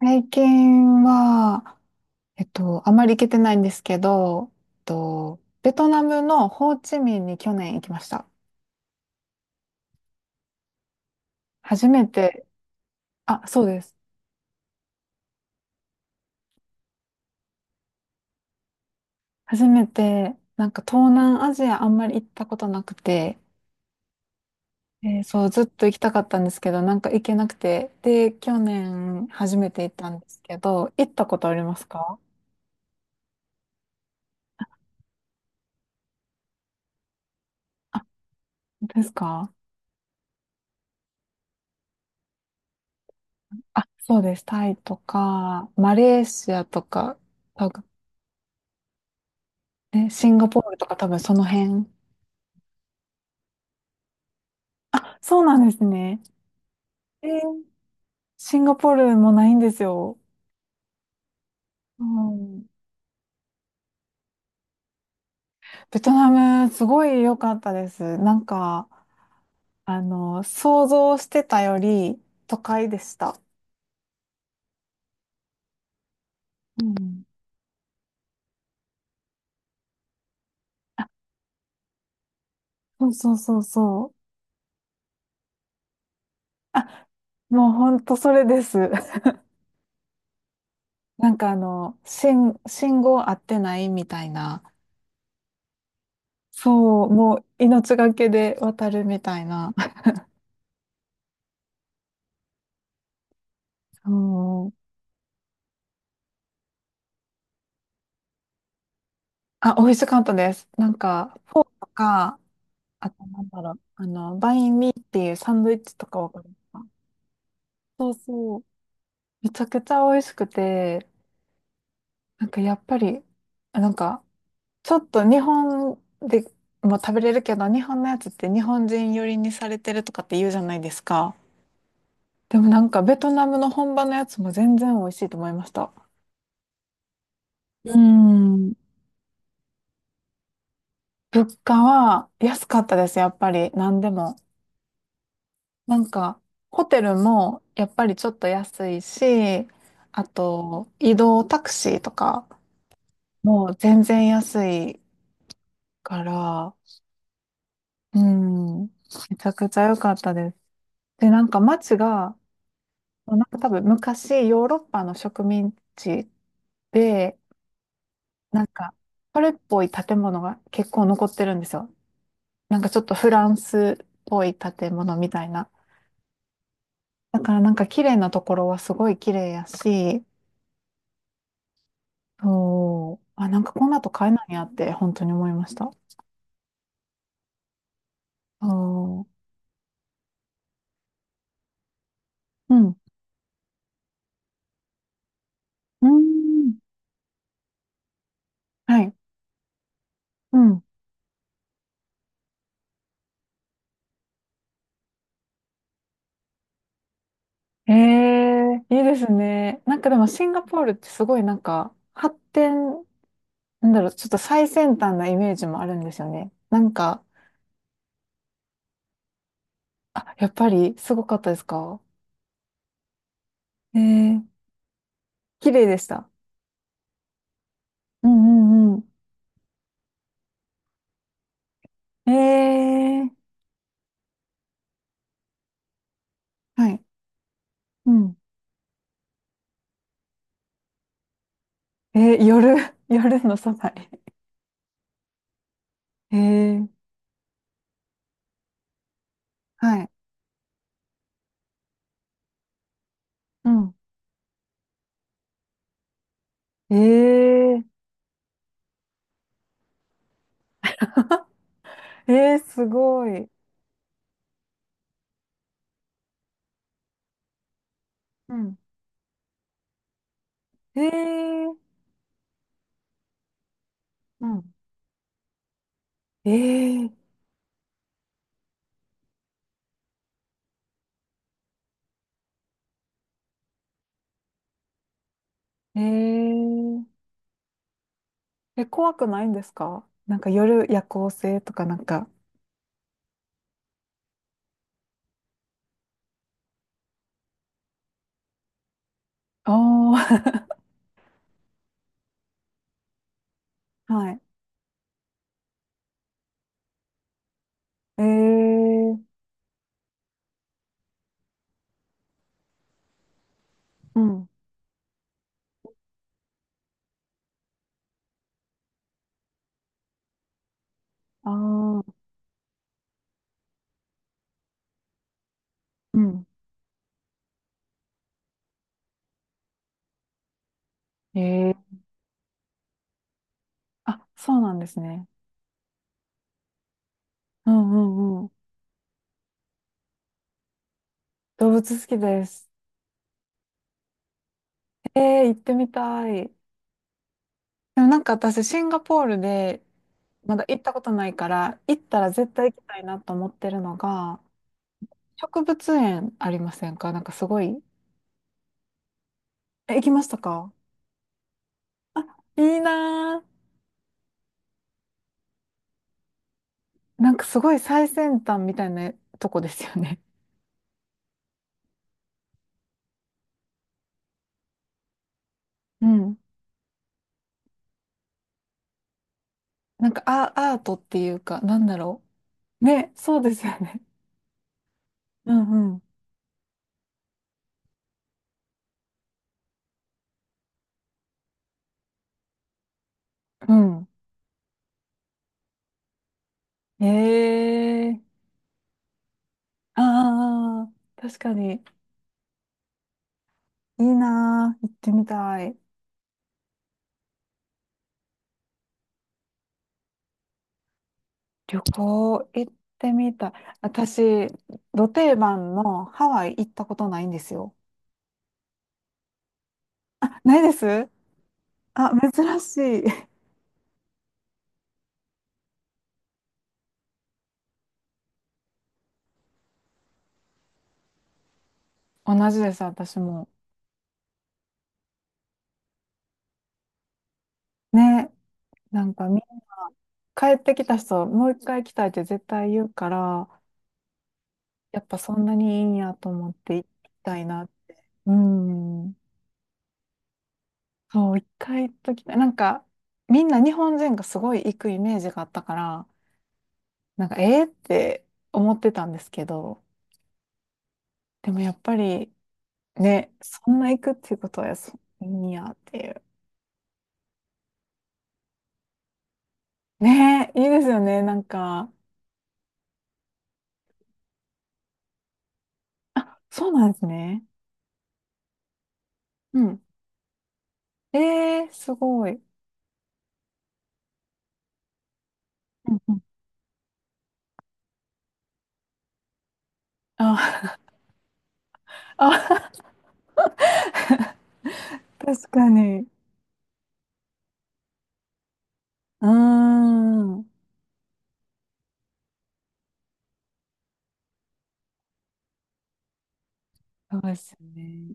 最近は、あまり行けてないんですけど、ベトナムのホーチミンに去年行きました。初めて、あ、そうです。初めて、なんか東南アジアあんまり行ったことなくて、そう、ずっと行きたかったんですけど、なんか行けなくて、で、去年初めて行ったんですけど、行ったことありますか？あ、本当ですか？あ、そうです。タイとか、マレーシアとか、多分ね、シンガポールとか多分その辺。そうなんですね。えーシンガポールもないんですよ。うん。ベトナム、すごい良かったです。なんか、想像してたより都会でした。うん。そうそうそうそう。あ、もうほんとそれです。なんか信号合ってないみたいな。そう、もう命がけで渡るみたいな。うん。あ、美味しかったです。なんか、フォーとか、あと、なんだろう、バインミーっていうサンドイッチとかわかりますか？そうそう。めちゃくちゃ美味しくて、なんかやっぱり、なんか、ちょっと日本でも食べれるけど、日本のやつって日本人寄りにされてるとかって言うじゃないですか。でもなんかベトナムの本場のやつも全然美味しいと思いました。うん。物価は安かったです、やっぱり。何でも。なんか、ホテルもやっぱりちょっと安いし、あと、移動タクシーとかも全然安いから、うん、めちゃくちゃ良かったです。で、なんか街が、なんか多分昔ヨーロッパの植民地で、なんか、それっぽい建物が結構残ってるんですよ。なんかちょっとフランスっぽい建物みたいな。だからなんか綺麗なところはすごい綺麗やし、そう。あ、なんかこんなと買えないんやって、本当に思いました。そう。うん。うーん。はい。うん。ええいいですね。なんかでもシンガポールってすごいなんか発展、なんだろう、ちょっと最先端なイメージもあるんですよね。なんか、あ、やっぱりすごかったですか？ええ綺麗でした。うんうんうん。ええはい。うん。ええ夜、夜の備え。ええはい。うん。えええー、すごい。うん、えー、うん。えー、えー、え、怖くないんですか？なんか夜夜行性とかなんか。ああ、はい。えー、うん、ああうん。えー、あ、そうなんですね。うんうんうん。動物好きです。えー、行ってみたい。でもなんか私、シンガポールでまだ行ったことないから、行ったら絶対行きたいなと思ってるのが、植物園ありませんか？なんかすごい、え、行きましたか？いいなー。なんかすごい最先端みたいなとこですよね。うん。なんかアートっていうか、なんだろう。ね、そうですよね。うんうん。うん。えー。ああ、確かに。いいなー。行ってみたい。旅行行ってみたい。私、ド定番のハワイ行ったことないんですよ。あ、ないですあ、珍しい。同じです、私も。ね、なんかみんな帰ってきた人、もう一回来たいって絶対言うから、やっぱそんなにいいんやと思って行きたいなって。うん。そう、一回行っときたい。なんか、みんな日本人がすごい行くイメージがあったから、なんか、えーって思ってたんですけど、でもやっぱり、ね、そんな行くっていうことは、そいいんやっていう。ね、いいですよね、なんか。あ、そうなんですね。うんえー、すごい。うんうんあ、あ、確かに。うーん。そうですよね。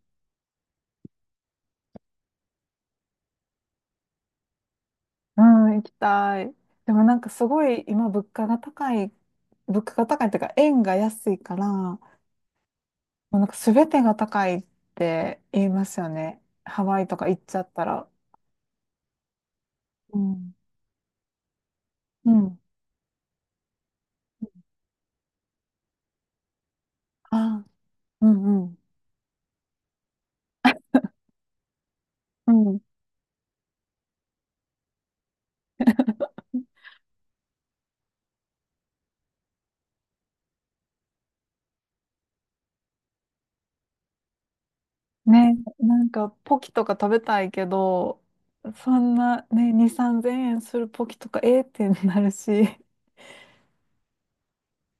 うん、行きたい。でもなんかすごい今物価が高い、物価が高いっていうか円が安いから、もうなんか全てが高いって言いますよね。ハワイとか行っちゃったら。うんうん。あ、うんうん。うんね、なんかポキとか食べたいけど、そんなね、2、3000円するポキとか、ええってなるし、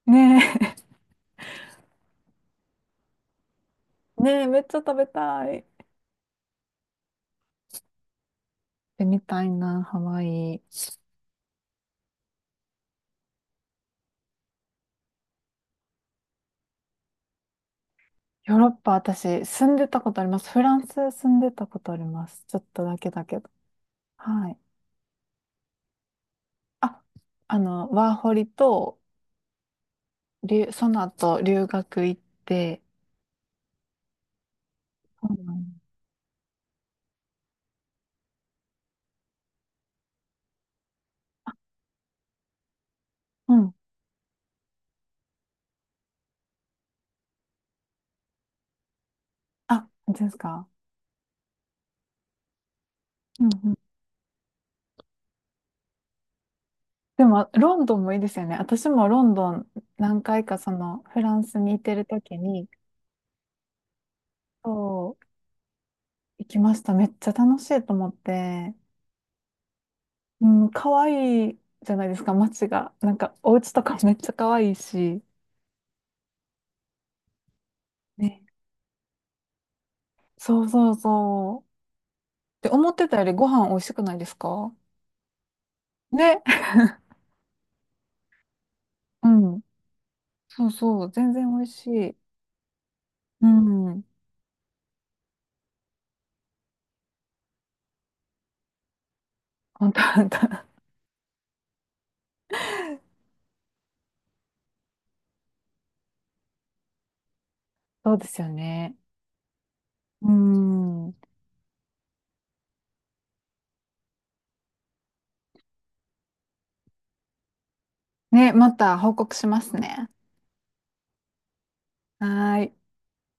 ねえ、ねえ、めっちゃ食べたい。で、みたいな、ハワイ。ヨーロッパ、私、住んでたことあります。フランス住んでたことあります。ちょっとだけだけど。はい。あ、ワーホリと、その後、留学行って、うん。うんあ、本当ですか？うんでも、ロンドンもいいですよね。私もロンドン何回かそのフランスに行ってる時に、そう、行きました。めっちゃ楽しいと思って、うん、可愛いじゃないですか、街が。なんか、お家とかめっちゃ可愛いし。ね。そうそうそう。で、思ってたよりご飯美味しくないですか？ね。うん。そうそう。全然美味しい。うん。本当本当。そうですよね。うん。ね、また報告しますね。はーい。